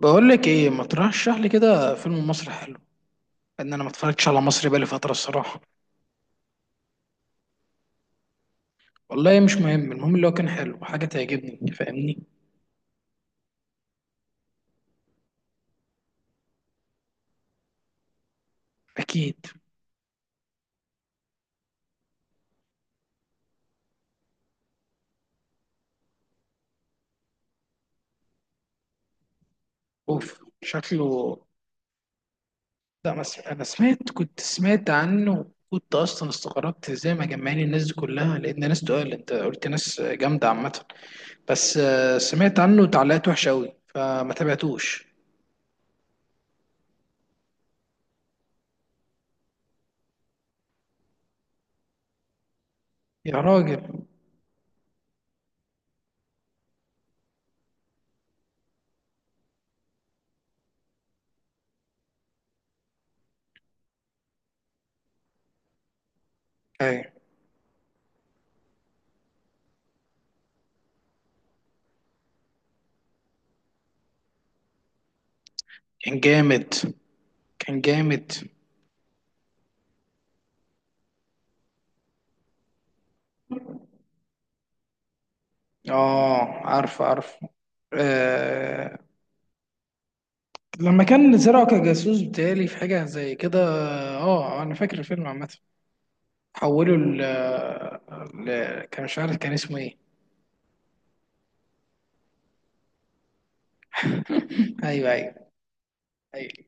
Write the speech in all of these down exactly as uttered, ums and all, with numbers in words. بقول لك ايه، ما ترشح لي كده فيلم مصري حلو؟ لان انا ما اتفرجتش على مصري بقالي فتره الصراحه. والله مش مهم، المهم اللي هو كان حلو، حاجه تعجبني. فاهمني. اكيد. اوف، شكله. لا، ما س- انا سمعت، كنت سمعت عنه. كنت اصلا استغربت ازاي ما جمعني الناس دي كلها، لان ناس تقال انت قلت ناس جامده عامه. بس آه، سمعت عنه تعليقات وحشه قوي فما تابعتوش. يا راجل. ايوه. كان جامد. كان جامد. اه، عارف عارف. آه. لما كان زرعه كجاسوس، بتهيألي في حاجة زي كده. اه، انا فاكر الفيلم عامة. حولوا ل ل- كان مش عارف كان اسمه ايه. ايوه ايوه ايوه.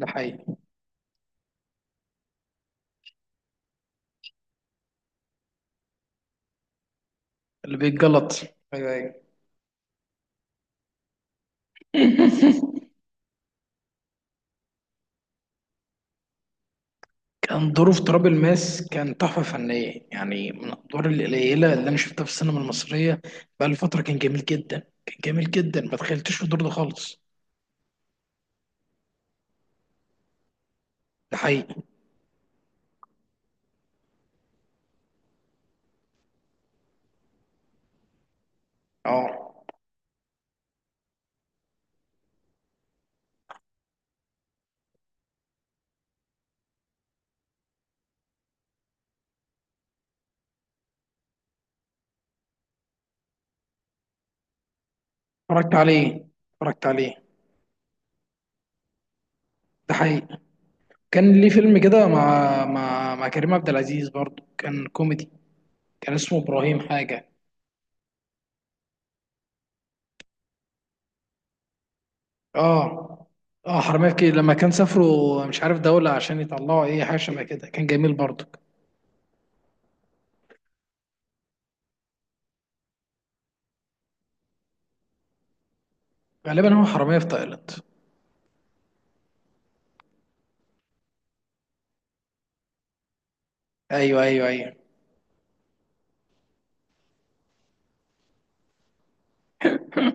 ده حقيقي. اللي بيتجلط. ايوه ايوه. كان دوره في تراب الماس كان تحفة فنية، يعني من الأدوار القليلة اللي أنا شفتها في السينما المصرية بقالي فترة. كان جميل جدا، كان جميل جدا. ما تخيلتش في الدور ده خالص. ده حقيقي. اه. اتفرجت عليه، اتفرجت عليه. ده حقيقي. كان ليه فيلم كده مع، مع مع كريم عبد العزيز برضه، كان كوميدي. كان اسمه ابراهيم حاجه. اه اه. حرامية في كي- لما كان سافروا مش عارف دولة عشان يطلعوا ايه، حاجة شبه كده، كان جميل برضه. غالبا هو حرامية في تايلاند. ايوه ايوه ايوه.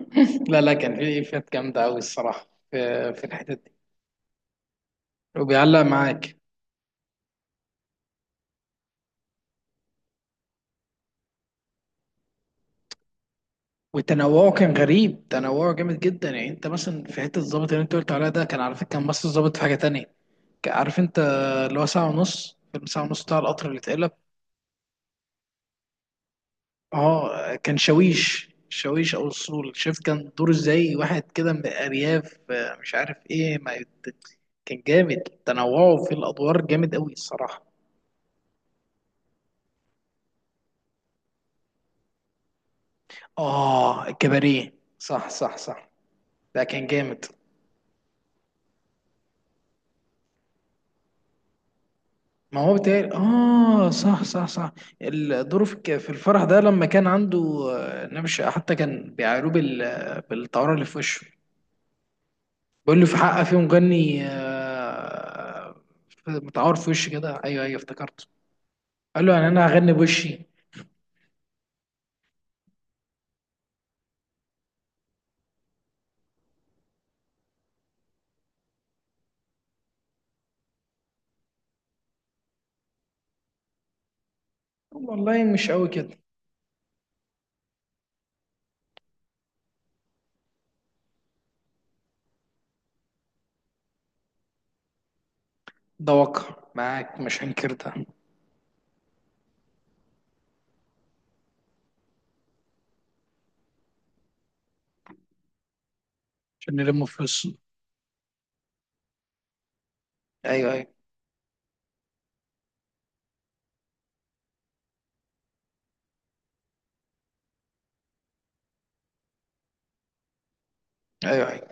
لا لا، كان في فات جامدة أوي الصراحة، في في الحتت دي. وبيعلق معاك. وتنوعه كان غريب، تنوعه جامد جدا. يعني انت مثلا في حته الظابط اللي انت قلت عليها ده، كان على فكره كان ممثل ظابط في حاجه تانية. كان- عارف انت، اللي هو ساعه ونص، فيلم ساعه ونص بتاع القطر اللي اتقلب. اه، كان شاويش، شاويش او الصول. شايف كان دوره ازاي؟ واحد كده من الارياف، آه، مش عارف ايه ما يت- كان جامد. تنوعه في الادوار جامد قوي الصراحه. اه الكباريه. صح صح صح. ده كان جامد. ما هو بتاعي. اه صح صح صح. الدور في الك- في الفرح ده، لما كان عنده آه، نبش، حتى كان بيعايروه بال... بالتعور اللي في وشه. بيقول له في حق، في مغني آه، في- متعور في وشي كده. ايوه ايوه افتكرته. قال له يعني انا هغني بوشي. والله مش قوي كده. ده واقع معاك، مش هنكر ده. عشان نلم فلوس. ايوه ايوه ايوه أيوه.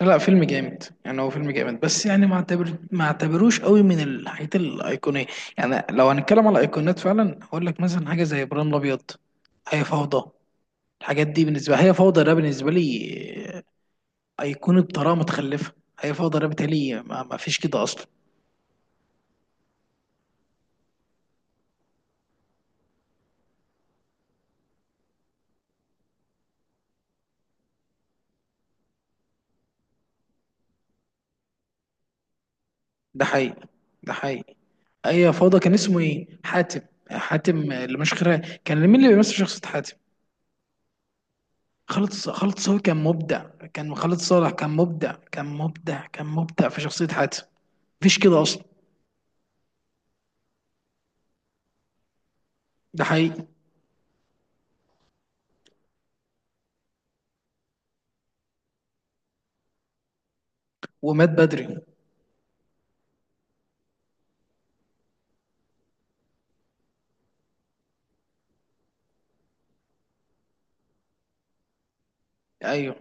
لا فيلم جامد، يعني هو فيلم جامد، بس يعني ما اعتبر، ما اعتبروش قوي من الحاجات الايقونيه. يعني لو هنتكلم على ايقونات فعلا، هقول لك مثلا حاجه زي ابراهيم الابيض، هي فوضى. الحاجات دي بالنسبه، هي فوضى ده بالنسبه لي ايقونه بطريقه متخلفه. هي فوضى ده بتهيألي ما, ما فيش كده اصلا. ده حقيقي. ده حقيقي. هي فوضى، كان اسمه ايه؟ حاتم. حاتم اللي مش خير. كان مين اللي بيمثل شخصيه حاتم؟ خالد ص- خالد صاوي كان مبدع. كان خالد صالح، كان مبدع كان مبدع كان مبدع في شخصيه حاتم. مفيش كده اصلا. ده حقيقي. ومات بدري. ايوه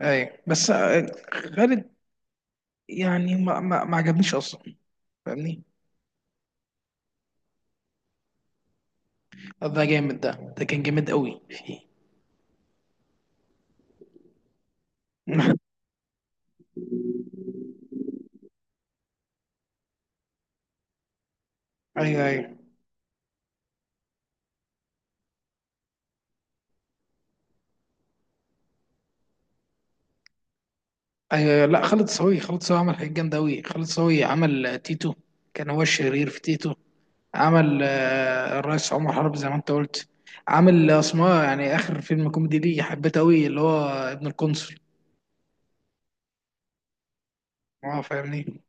ايوه. بس آه، خالد يعني ما ما, ما عجبنيش اصلا، فاهمني. ده جامد ده، ده كان جامد قوي فيه. ايوه ايوه ايوه. لا، خالد صاوي خالد صاوي عمل حاجات جامده قوي. خالد صاوي عمل آه، تيتو، كان هو الشرير في تيتو. عمل آه، الرئيس عمر حرب زي ما انت قلت. عامل اسمها يعني، اخر فيلم كوميدي ليه حبيته قوي، اللي هو ابن القنصل. اه، فاهمني.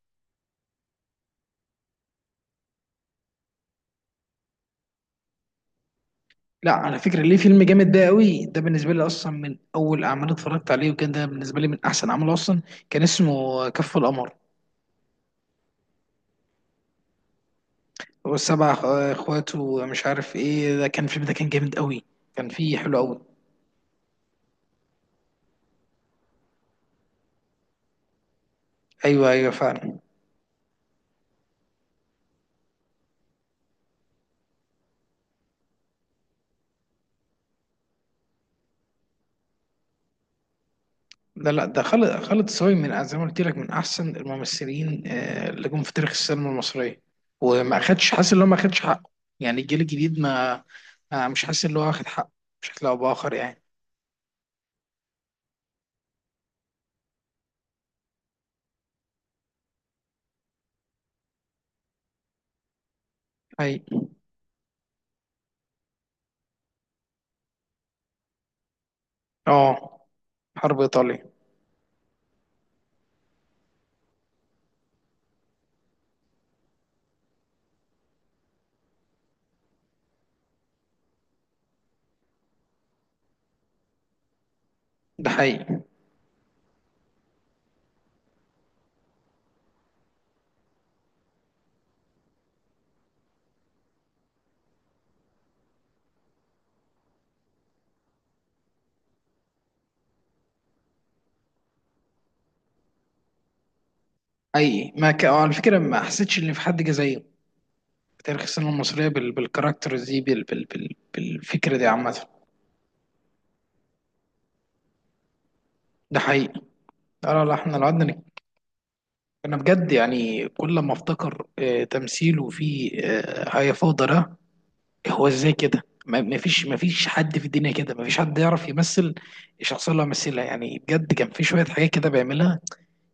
لا على فكرة، ليه فيلم جامد ده قوي. ده بالنسبة لي أصلا من أول أعمال اتفرجت عليه، وكان ده بالنسبة لي من أحسن أعمال أصلا. كان اسمه كف القمر. والسبع أخ- إخوات ومش عارف إيه. ده كان الفيلم ده كان جامد قوي، كان فيه حلو قوي. أيوه أيوه فعلا. لا لا، ده خالد، خالد الصاوي من زي ما قلت لك، من أحسن الممثلين آه، اللي جم في تاريخ السينما المصرية. وما أخدش، حاسس إن هو ما أخدش حقه. يعني الجيل الجديد ما ما- مش حاسس إن هو واخد حقه بشكل أو بآخر يعني. أي. أه حرب إيطاليا. ده حقيقي. اي، ما ك... على فكره ما حسيتش ان في حد جه زيه في تاريخ السينما المصريه بال... بالكاركتر دي، بال... بال... بال... بالفكره دي عامه. ده حقيقي. لا لا لا، احنا لو قعدنا نك- انا بجد يعني كل ما افتكر آه، تمثيله في آه، هيا فوضى ده، هو ازاي كده؟ ما ما فيش ما فيش حد في الدنيا كده، ما فيش حد يعرف يمثل الشخصيه اللي هو مثلها. يعني بجد كان في شويه حاجات كده بيعملها،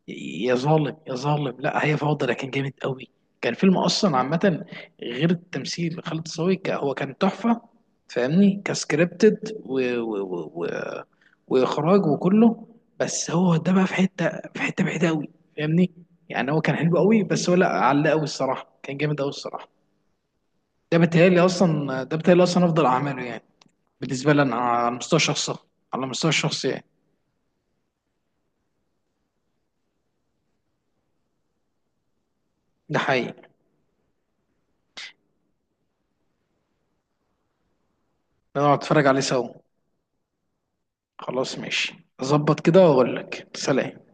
يا ظالم يا ظالم. لا هي فوضى لكن جامد قوي، كان فيلم اصلا عامه. غير التمثيل خالد صاوي، ك- هو كان تحفه. فاهمني، كسكريبتد و... و... و... و... واخراج وكله. بس هو ده بقى في حته، في حته بعيده قوي، فاهمني. يعني هو كان حلو قوي، بس هو لا علق قوي الصراحه، كان جامد قوي الصراحه. ده بيتهيألي اصلا، ده بيتهيألي اصلا افضل اعماله يعني بالنسبه لي انا على المستوى الشخصي، على المستوى الشخصي يعني. ده حقيقي. انا اتفرج عليه سوا. خلاص ماشي. اظبط كده واقول لك سلام.